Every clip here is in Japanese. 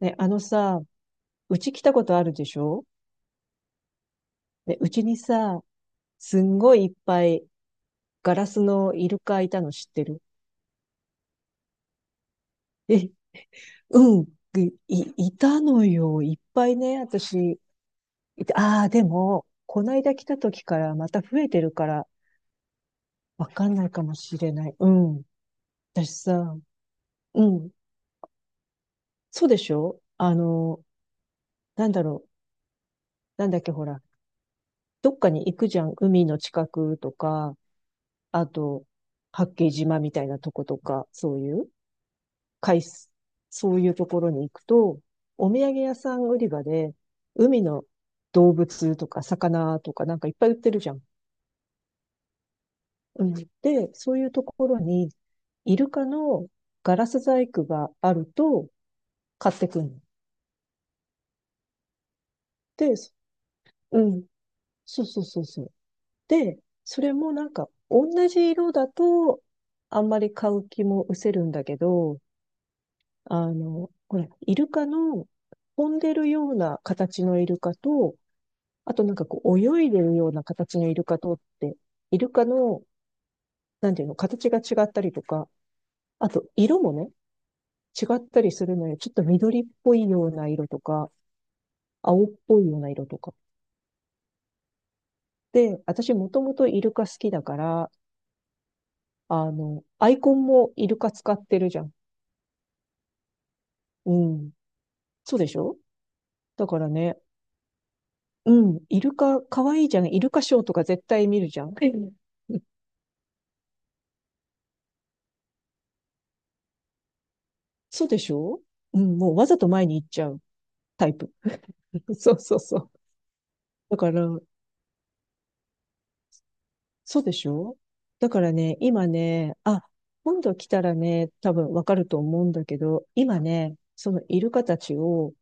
ね、あのさ、うち来たことあるでしょ？で、うちにさ、すんごいいっぱいガラスのイルカいたの知ってる？え、うん、いたのよ。いっぱいね、私。ああ、でも、こないだ来た時からまた増えてるから、わかんないかもしれない。うん。私さ、うん。そうでしょ？あの、なんだろう。なんだっけ、ほら。どっかに行くじゃん。海の近くとか、あと、八景島みたいなとことか、そういう。海す、そういうところに行くと、お土産屋さん売り場で、海の動物とか魚とかなんかいっぱい売ってるじゃん。うん。で、そういうところに、イルカのガラス細工があると買ってくんの。で、そうん。そうそうそうそう。で、それもなんか同じ色だとあんまり買う気も失せるんだけど、ほら、イルカの飛んでるような形のイルカとあとなんかこう泳いでるような形のイルカとって、イルカの、なんていうの、形が違ったりとか、あと色もね、違ったりするのよ。ちょっと緑っぽいような色とか、青っぽいような色とか。で、私もともとイルカ好きだから、アイコンもイルカ使ってるじゃん。うん。そうでしょ？だからね、うん、イルカ可愛いじゃん。イルカショーとか絶対見るじゃん。うん そうでしょ？うん、もうわざと前に行っちゃうタイプ。そうそうそう。だから、そうでしょ？だからね、今ね、あ、今度来たらね、多分わかると思うんだけど、今ね、そのイルカたちを、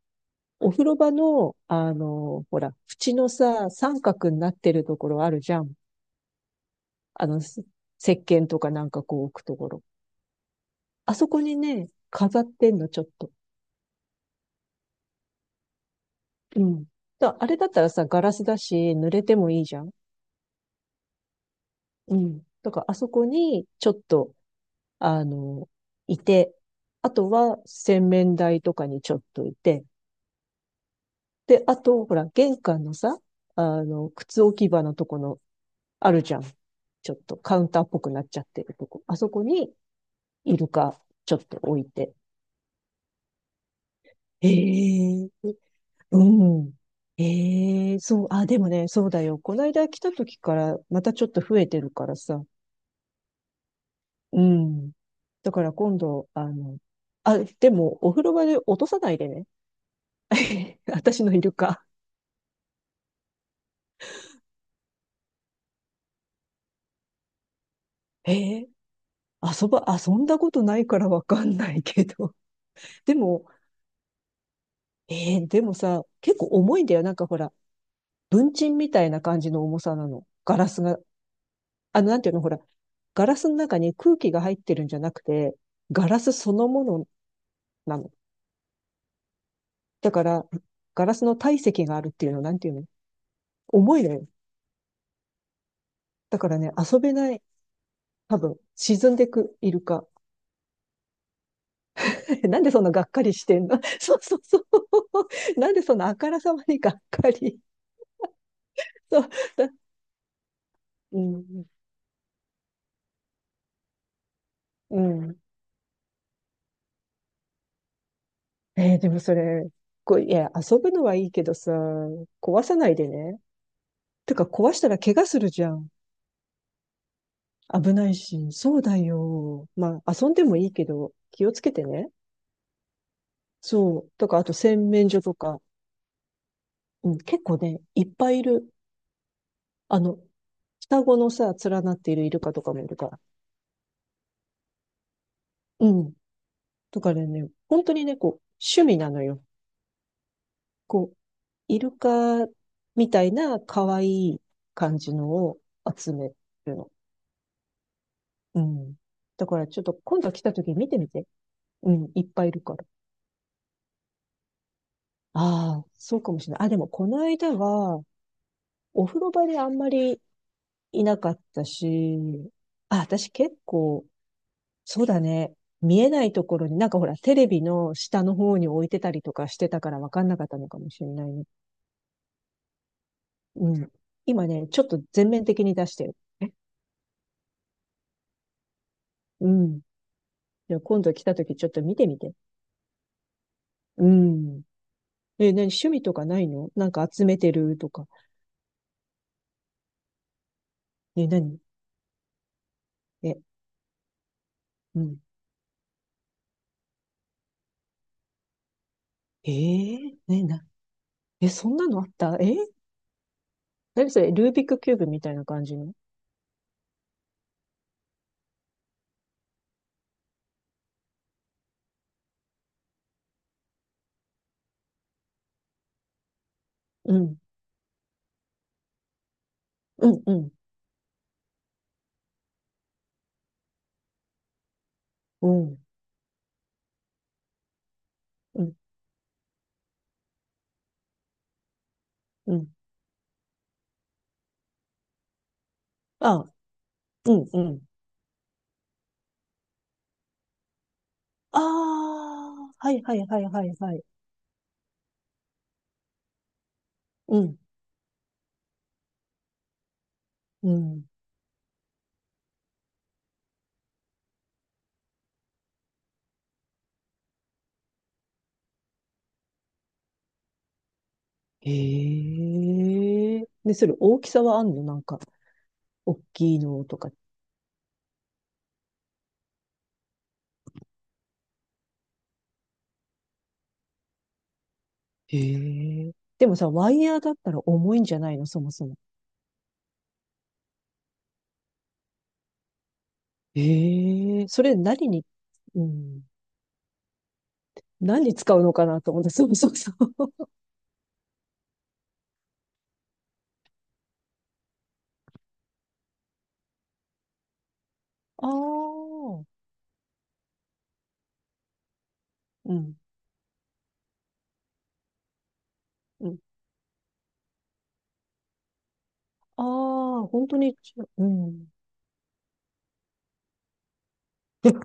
お風呂場の、ほら、縁のさ、三角になってるところあるじゃん。あの、す石鹸とかなんかこう置くところ。あそこにね、飾ってんの、ちょっと。うん。あれだったらさ、ガラスだし、濡れてもいいじゃん。うん。だから、あそこに、ちょっと、あの、いて、あとは洗面台とかにちょっといて、で、あと、ほら、玄関のさ、靴置き場のとこの、あるじゃん。ちょっとカウンターっぽくなっちゃってるとこ。あそこに、イルカ、ちょっと置いて。ええ、うん。ええ、そう、あ、でもね、そうだよ。この間来た時から、またちょっと増えてるからさ。うん。だから今度、あ、でも、お風呂場で落とさないでね。私のイルカ。えー遊んだことないからわかんないけど。でも、でもさ、結構重いんだよ。なんかほら、文鎮みたいな感じの重さなの。ガラスが、なんていうの、ほら、ガラスの中に空気が入ってるんじゃなくて、ガラスそのものなの。だから、ガラスの体積があるっていうの、なんていうの、重いのよ。だからね、遊べない。多分、沈んでくイルカ。え、なんでそんながっかりしてんの？ そうそうそう。なんでそんなあからさまにがっかり。そう。だうん。うん。でもそれ、こう、いや、遊ぶのはいいけどさ、壊さないでね。てか、壊したら怪我するじゃん。危ないし。そうだよ。まあ、遊んでもいいけど、気をつけてね。そう。とか、あと洗面所とか。うん、結構ね、いっぱいいる。あの、双子のさ、連なっているイルカとかもいるから。うん。とかね、本当にね、こう、趣味なのよ。こう、イルカみたいな可愛い感じのを集めるの。うん。だからちょっと今度来た時見てみて。うん、いっぱいいるから。ああ、そうかもしれない。あ、でもこの間は、お風呂場であんまりいなかったし、あ、私結構、そうだね。見えないところに、なんかほら、テレビの下の方に置いてたりとかしてたから分かんなかったのかもしれないね。うん。今ね、ちょっと全面的に出してる。え、うん。じゃあ今度来た時ちょっと見てみて。うん。え、何趣味とかないの？なんか集めてるとか。え、何？え、うん。えー、ね、な、え、そんなのあった？何それ、ルービックキューブみたいな感じの？うん。うん、うん。うん、うん、うん。あ、うん、うん。ああ、はいはいはいはいはい。うん、うん。へえ。で、それ大きさはあんの？なんか、大きいのとか。へえ。でもさ、ワイヤーだったら重いんじゃないの？そもそも。ええ、それ何に、うん、何に使うのかなと思って、そうそうそう。ああ、うん、うん。ああ、本当に、うん。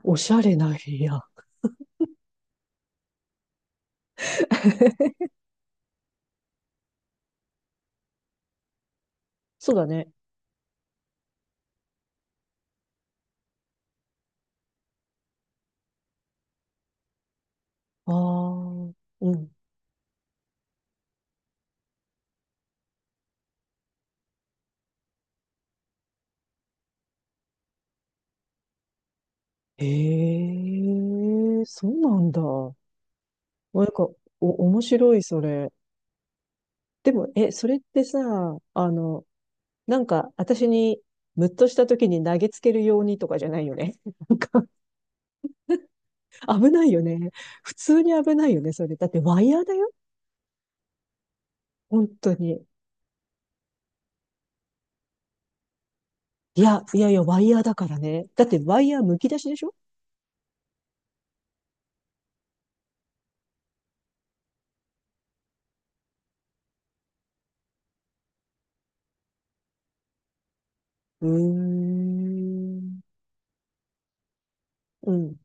おしゃれな部屋。そうだね。ああ、うん。ええ、そうなんだ。なんか、面白い、それ。でも、え、それってさ、なんか、私に、ムッとした時に投げつけるようにとかじゃないよね。危ないよね。普通に危ないよね、それ。だってワイヤーだよ？本当に。いや、いやいや、ワイヤーだからね。だってワイヤー剥き出しでしょ？うーん。うん。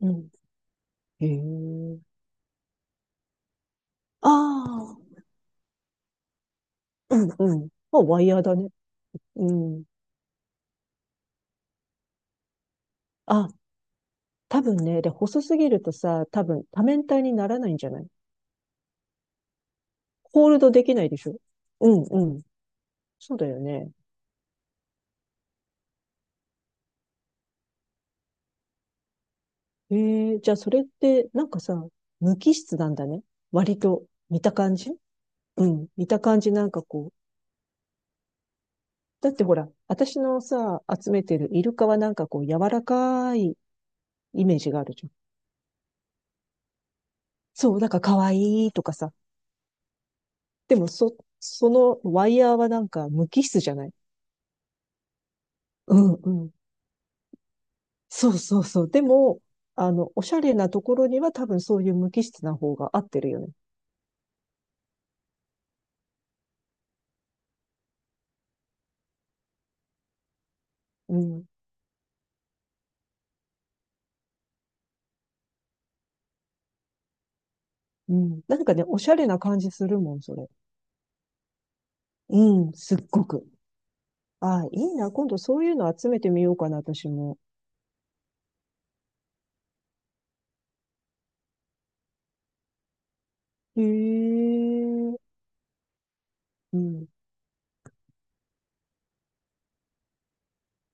うん。へえ。ああ。うん。うん。まあ、ワイヤーだね。うん。あ、多分ね。で、細すぎるとさ、多分多面体にならないんじゃない？ホールドできないでしょ？うん。うん。そうだよね。へえ。じゃあ、それって、なんかさ、無機質なんだね。割と、見た感じ。うん。見た感じなんかこう、だってほら、私のさ、集めてるイルカはなんかこう柔らかいイメージがあるじゃん。そう、なんか可愛いとかさ。でもそのワイヤーはなんか無機質じゃない？うんうん。そうそうそう。でも、おしゃれなところには多分そういう無機質な方が合ってるよね。うん。うん。なんかね、おしゃれな感じするもん、それ。うん、すっごく。ああ、いいな。今度そういうの集めてみようかな、私も。へえ。うん。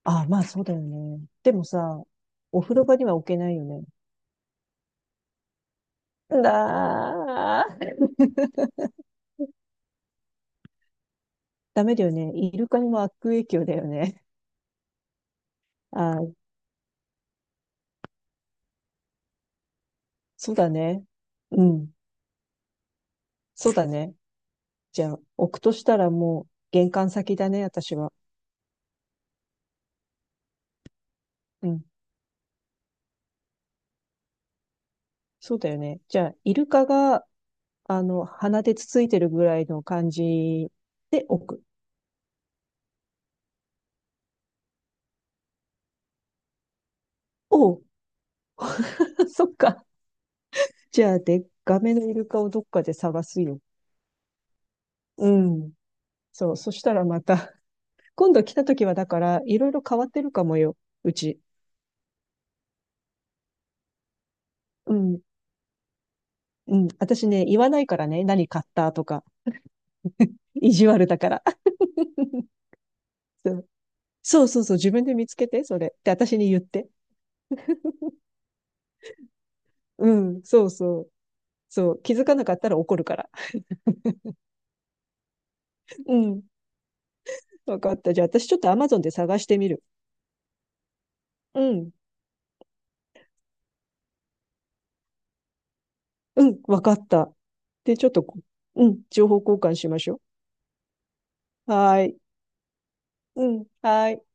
あ、まあそうだよね。でもさ、お風呂場には置けないよね。だー、ダメだよね。イルカにも悪影響だよね。あー、そうだね。うん。そうだね。じゃあ、置くとしたらもう玄関先だね、私は。うん。そうだよね。じゃあ、イルカが、鼻でつついてるぐらいの感じで置く。おう、そっか。じゃあ、でっかめのイルカをどっかで探すよ。うん。そう、そしたらまた。今度来た時はだから、いろいろ変わってるかもよ、うち。うん、うん。私ね、言わないからね、何買ったとか、意地悪だから。そうそうそうそう、自分で見つけて、それ。って私に言って。うん、そうそう。そう、気づかなかったら怒るから。うん、わかった。じゃあ私ちょっとアマゾンで探してみる。うん、うん、わかった。で、ちょっとこう、うん、情報交換しましょう。はーい。うん、はーい。